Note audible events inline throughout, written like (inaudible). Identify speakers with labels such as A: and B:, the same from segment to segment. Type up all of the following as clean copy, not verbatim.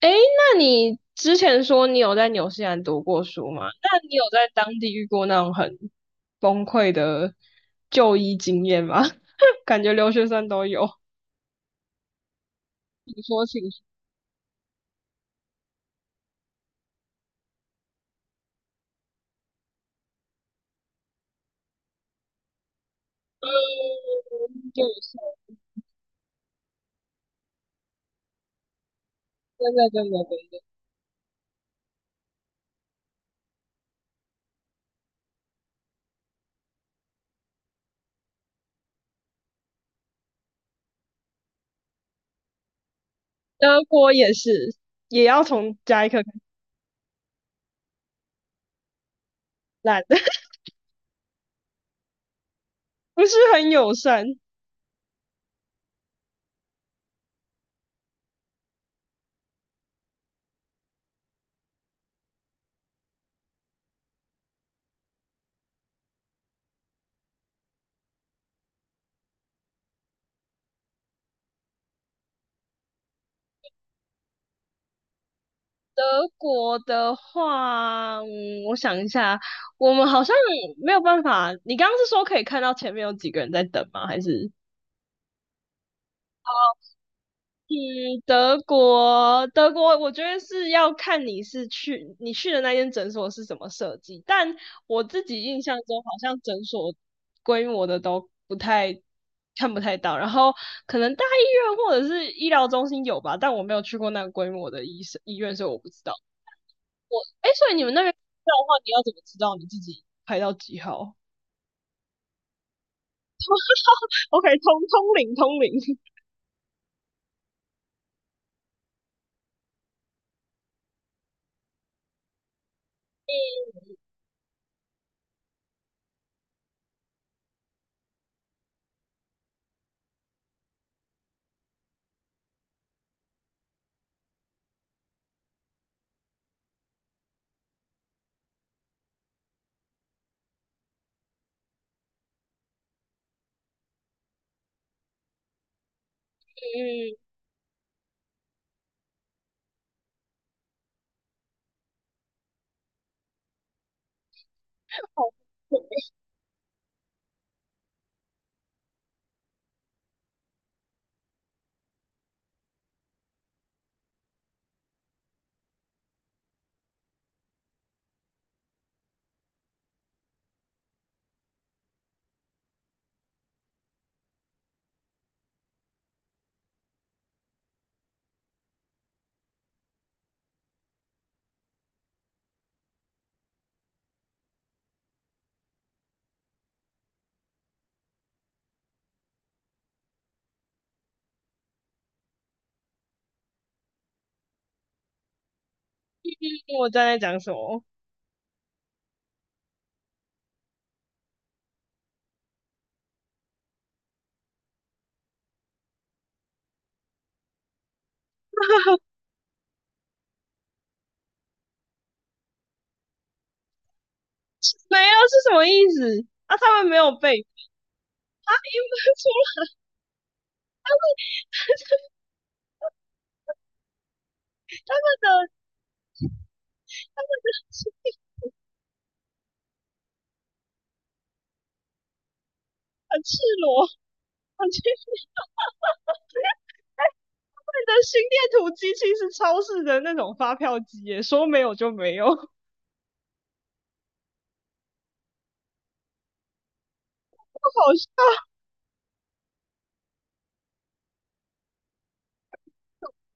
A: 诶，那你之前说你有在纽西兰读过书吗？那你有在当地遇过那种很崩溃的就医经验吗？(laughs) 感觉留学生都有。你说，请说，就一下真的真的真的。德国也是，也要从加一颗烂。(laughs) 不是很友善。德国的话，我想一下，我们好像没有办法。你刚刚是说可以看到前面有几个人在等吗？还是？嗯。德国，我觉得是要看你去的那间诊所是怎么设计。但我自己印象中，好像诊所规模的都不太看不太到，然后可能大医院或者是医疗中心有吧，但我没有去过那个规模的医院，所以我不知道。哎，所以你们那边的话，你要怎么知道你自己排到几号？OK，通通灵通灵。(laughs) 嗯。好。(laughs) 我正在讲什么？(laughs) 没有是什么意思？啊，他们没有被啊，因为除了的。很赤裸，很奇怪的心电图机器是超市的那种发票机耶，说没有就没有。(laughs) 好笑。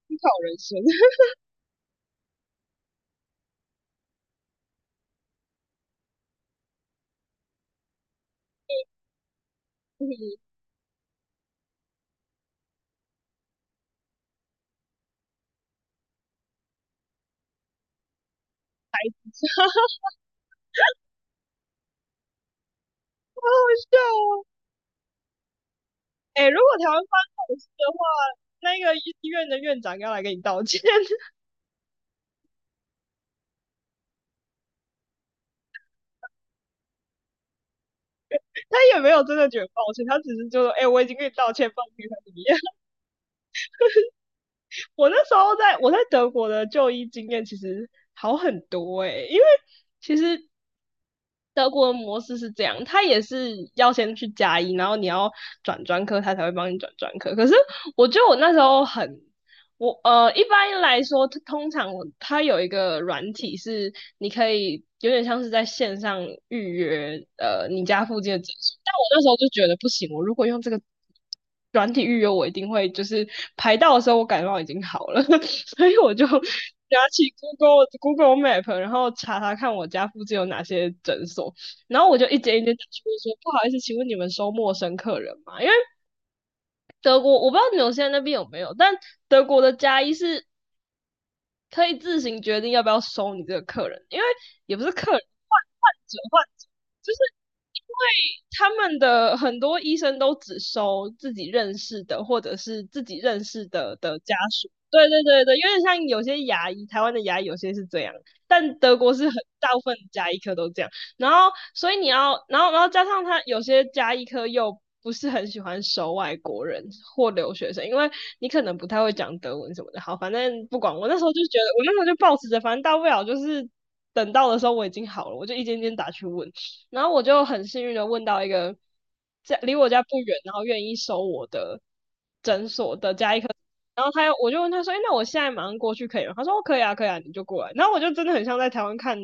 A: 思考人生。(laughs) 嗯，好好笑哦。哎、欸如果台湾发生这种事的话，那个医院的院长要来给你道歉。(laughs) 他也没有真的觉得抱歉，他只是就说，哎、欸我已经跟你道歉，抱歉，他怎么样？(laughs) 我那时候在德国的就医经验其实好很多。哎、欸因为其实德国的模式是这样，他也是要先去加一，然后你要转专科，他才会帮你转专科。可是我觉得我那时候很，一般来说，通常他有一个软体是你可以有点像是在线上预约，你家附近的诊所。但我那时候就觉得不行，我如果用这个软体预约，我一定会就是排到的时候，我感冒已经好了。(laughs) 所以我就拿起 Google Map，然后查查看我家附近有哪些诊所，然后我就一间一间打去问说，不好意思，请问你们收陌生客人吗？因为德国我不知道纽西兰那边有没有，但德国的加医是可以自行决定要不要收你这个客人，因为也不是客人，患者就是他们的很多医生都只收自己认识的，或者是自己认识的家属。对对对对，有点像有些牙医，台湾的牙医有些是这样，但德国是很大部分牙医科都这样。然后，所以你要，然后加上他有些牙医科又不是很喜欢收外国人或留学生，因为你可能不太会讲德文什么的。好，反正不管，我那时候就抱持着，反正大不了就是等到的时候我已经好了，我就一间间打去问。然后我就很幸运的问到一个在离我家不远，然后愿意收我的。然后他又，我就问他说："哎、那我现在马上过去可以吗？"他说："哦，可以啊，可以啊，你就过来。"然后我就真的很像在台湾看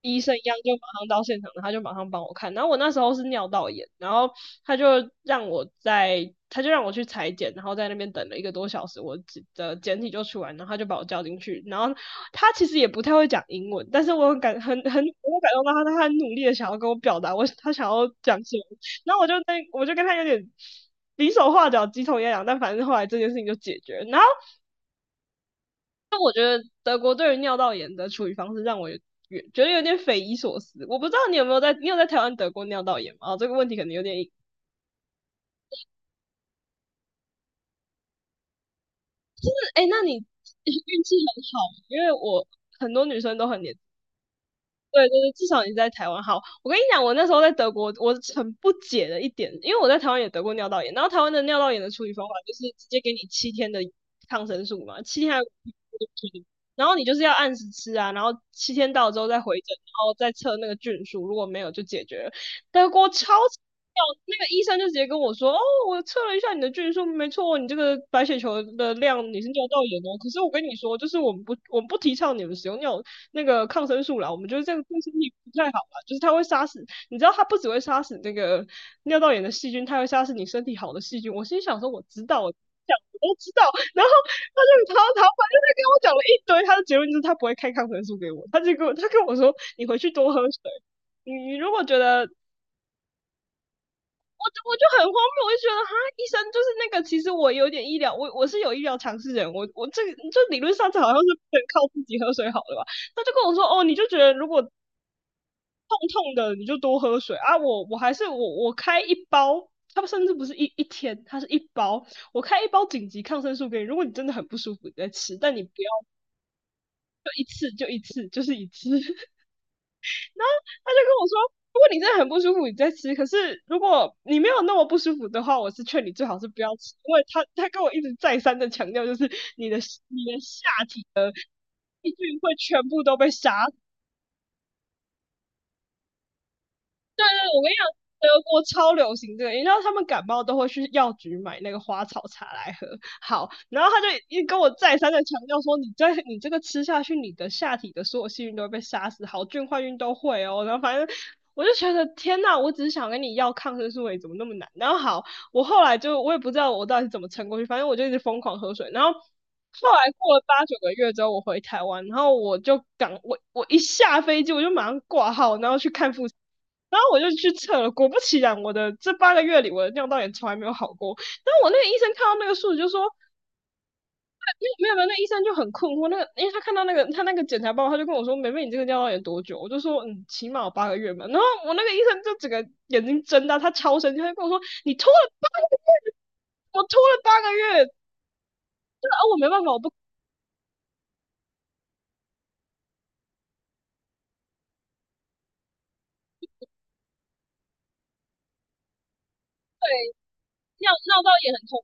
A: 医生一样，就马上到现场，然他就马上帮我看。然后我那时候是尿道炎，然后他就让我在，他就让我去裁剪，然后在那边等了一个多小时，我的检体就出来，然后他就把我叫进去。然后他其实也不太会讲英文，但是我很感很很，我感动到他，他很努力的想要跟我表达我他想要讲什么。然后我就跟他有点比手画脚、鸡同鸭讲，但反正后来这件事情就解决了。然后德国对于尿道炎的处理方式让我有觉得有点匪夷所思。我不知道你有没有在，你有在台湾得过尿道炎吗？哦，这个问题可能有点硬。哎，那你运气很好，因为我很多女生都很年。对对对，至少你在台湾好。我跟你讲，我那时候在德国，我很不解的一点，因为我在台湾也得过尿道炎，然后台湾的尿道炎的处理方法就是直接给你七天的抗生素嘛，七天还有5天。然后你就是要按时吃啊，然后七天到了之后再回诊，然后再测那个菌数，如果没有就解决了。德国超级。那个医生就直接跟我说："哦，我测了一下你的菌数，没错，你这个白血球的量你是尿道炎哦。可是我跟你说，就是我们不提倡你们使用尿那个抗生素啦，我们觉得这个对身体不太好啦，就是它会杀死，你知道它不只会杀死那个尿道炎的细菌，它会杀死你身体好的细菌。"我心想说，我知道，我都知道。然后他反正就跟我讲了一堆，他的结论就是他不会开抗生素给我，他跟我说，你回去多喝水。你你如果觉得，我就很荒谬，我就觉得哈，医生就是那个，其实我有点医疗，我是有医疗常识的人，我这个就理论上这好像是不能靠自己喝水好了吧？他就跟我说，哦，你就觉得如果痛痛的你就多喝水啊。我还是我开一包，它甚至不是一天，它是一包，我开一包紧急抗生素给你。如果你真的很不舒服，你再吃，但你不要就一次就一次，就是一次。(laughs) 他就跟我说。如果你真的很不舒服，你再吃。可是如果你没有那么不舒服的话，我是劝你最好是不要吃，因为他跟我一直再三的强调，就是你的你的下体细菌会全部都被杀死，我跟你讲，德国超流行这个，你知道他们感冒都会去药局买那个花草茶来喝。好，然后他就一跟我再三的强调说，你这个吃下去，你的下体的所有细菌都会被杀死，好菌坏菌都会哦。然后反正我就觉得天呐，我只是想跟你要抗生素而已，怎么那么难？然后好，我后来就我也不知道我到底是怎么撑过去，反正我就一直疯狂喝水。然后后来过了八九个月之后，我回台湾，然后我就赶我一下飞机，我就马上挂号，然后去看复。然后我就去测了，果不其然，我的这八个月里我的尿道炎从来没有好过。然后我那个医生看到那个数据就说，没有没有，那医生就很困惑，那个因为他看到那个他那个检查报告，他就跟我说，梅梅你这个尿道炎多久？我就说嗯，起码有八个月嘛。然后我那个医生就整个眼睛睁大，他超生气，他就跟我说，你拖了。我拖了八个月，对啊，哦我没办法，我不尿道炎很痛，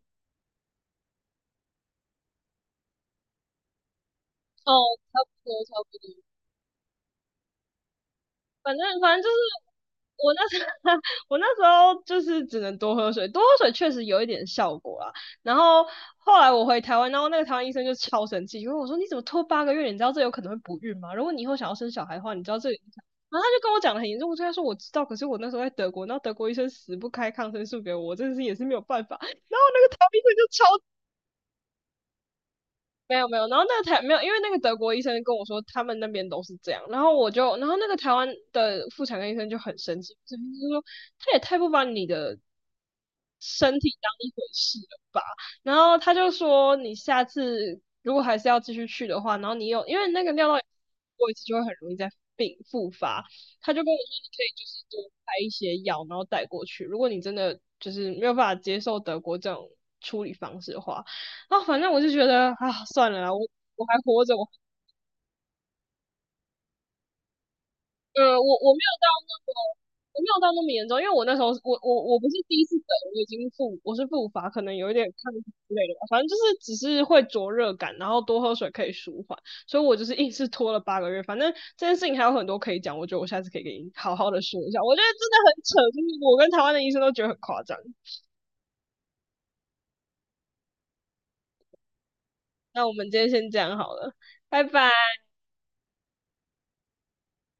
A: 哦，差不多差不多。反正就是我那时候 (laughs) 我那时候就是只能多喝水，多喝水确实有一点效果啦。然后后来我回台湾，然后那个台湾医生就超生气，因为我说你怎么拖八个月？你知道这有可能会不孕吗？如果你以后想要生小孩的话，你知道这个影响。然后他就跟我讲的很严重，我对他说我知道，可是我那时候在德国，那德国医生死不开抗生素给我，我真的是也是没有办法。(laughs) 台湾医生就超没有没有，然后那个台没有，因为那个德国医生跟我说他们那边都是这样，然后我就，然后那个台湾的妇产科医生就很生气，就是说他也太不把你的身体当一回事了吧，然后他就说你下次如果还是要继续去的话，然后你有因为那个尿道炎过一次就会很容易再病复发，他就跟我说你可以就是多开一些药，然后带过去，如果你真的就是没有办法接受德国这种处理方式的话。啊，反正我就觉得啊，算了啦，我还活着，我没有到那么，我没有到那么严重，因为我那时候我不是第一次得，我是复发，可能有一点抗体之类的吧，反正就是只是会灼热感，然后多喝水可以舒缓，所以我就是硬是拖了八个月。反正这件事情还有很多可以讲，我觉得我下次可以给你好好的说一下。我觉得真的很扯，就是我跟台湾的医生都觉得很夸张。那我们今天先这样好了，拜拜。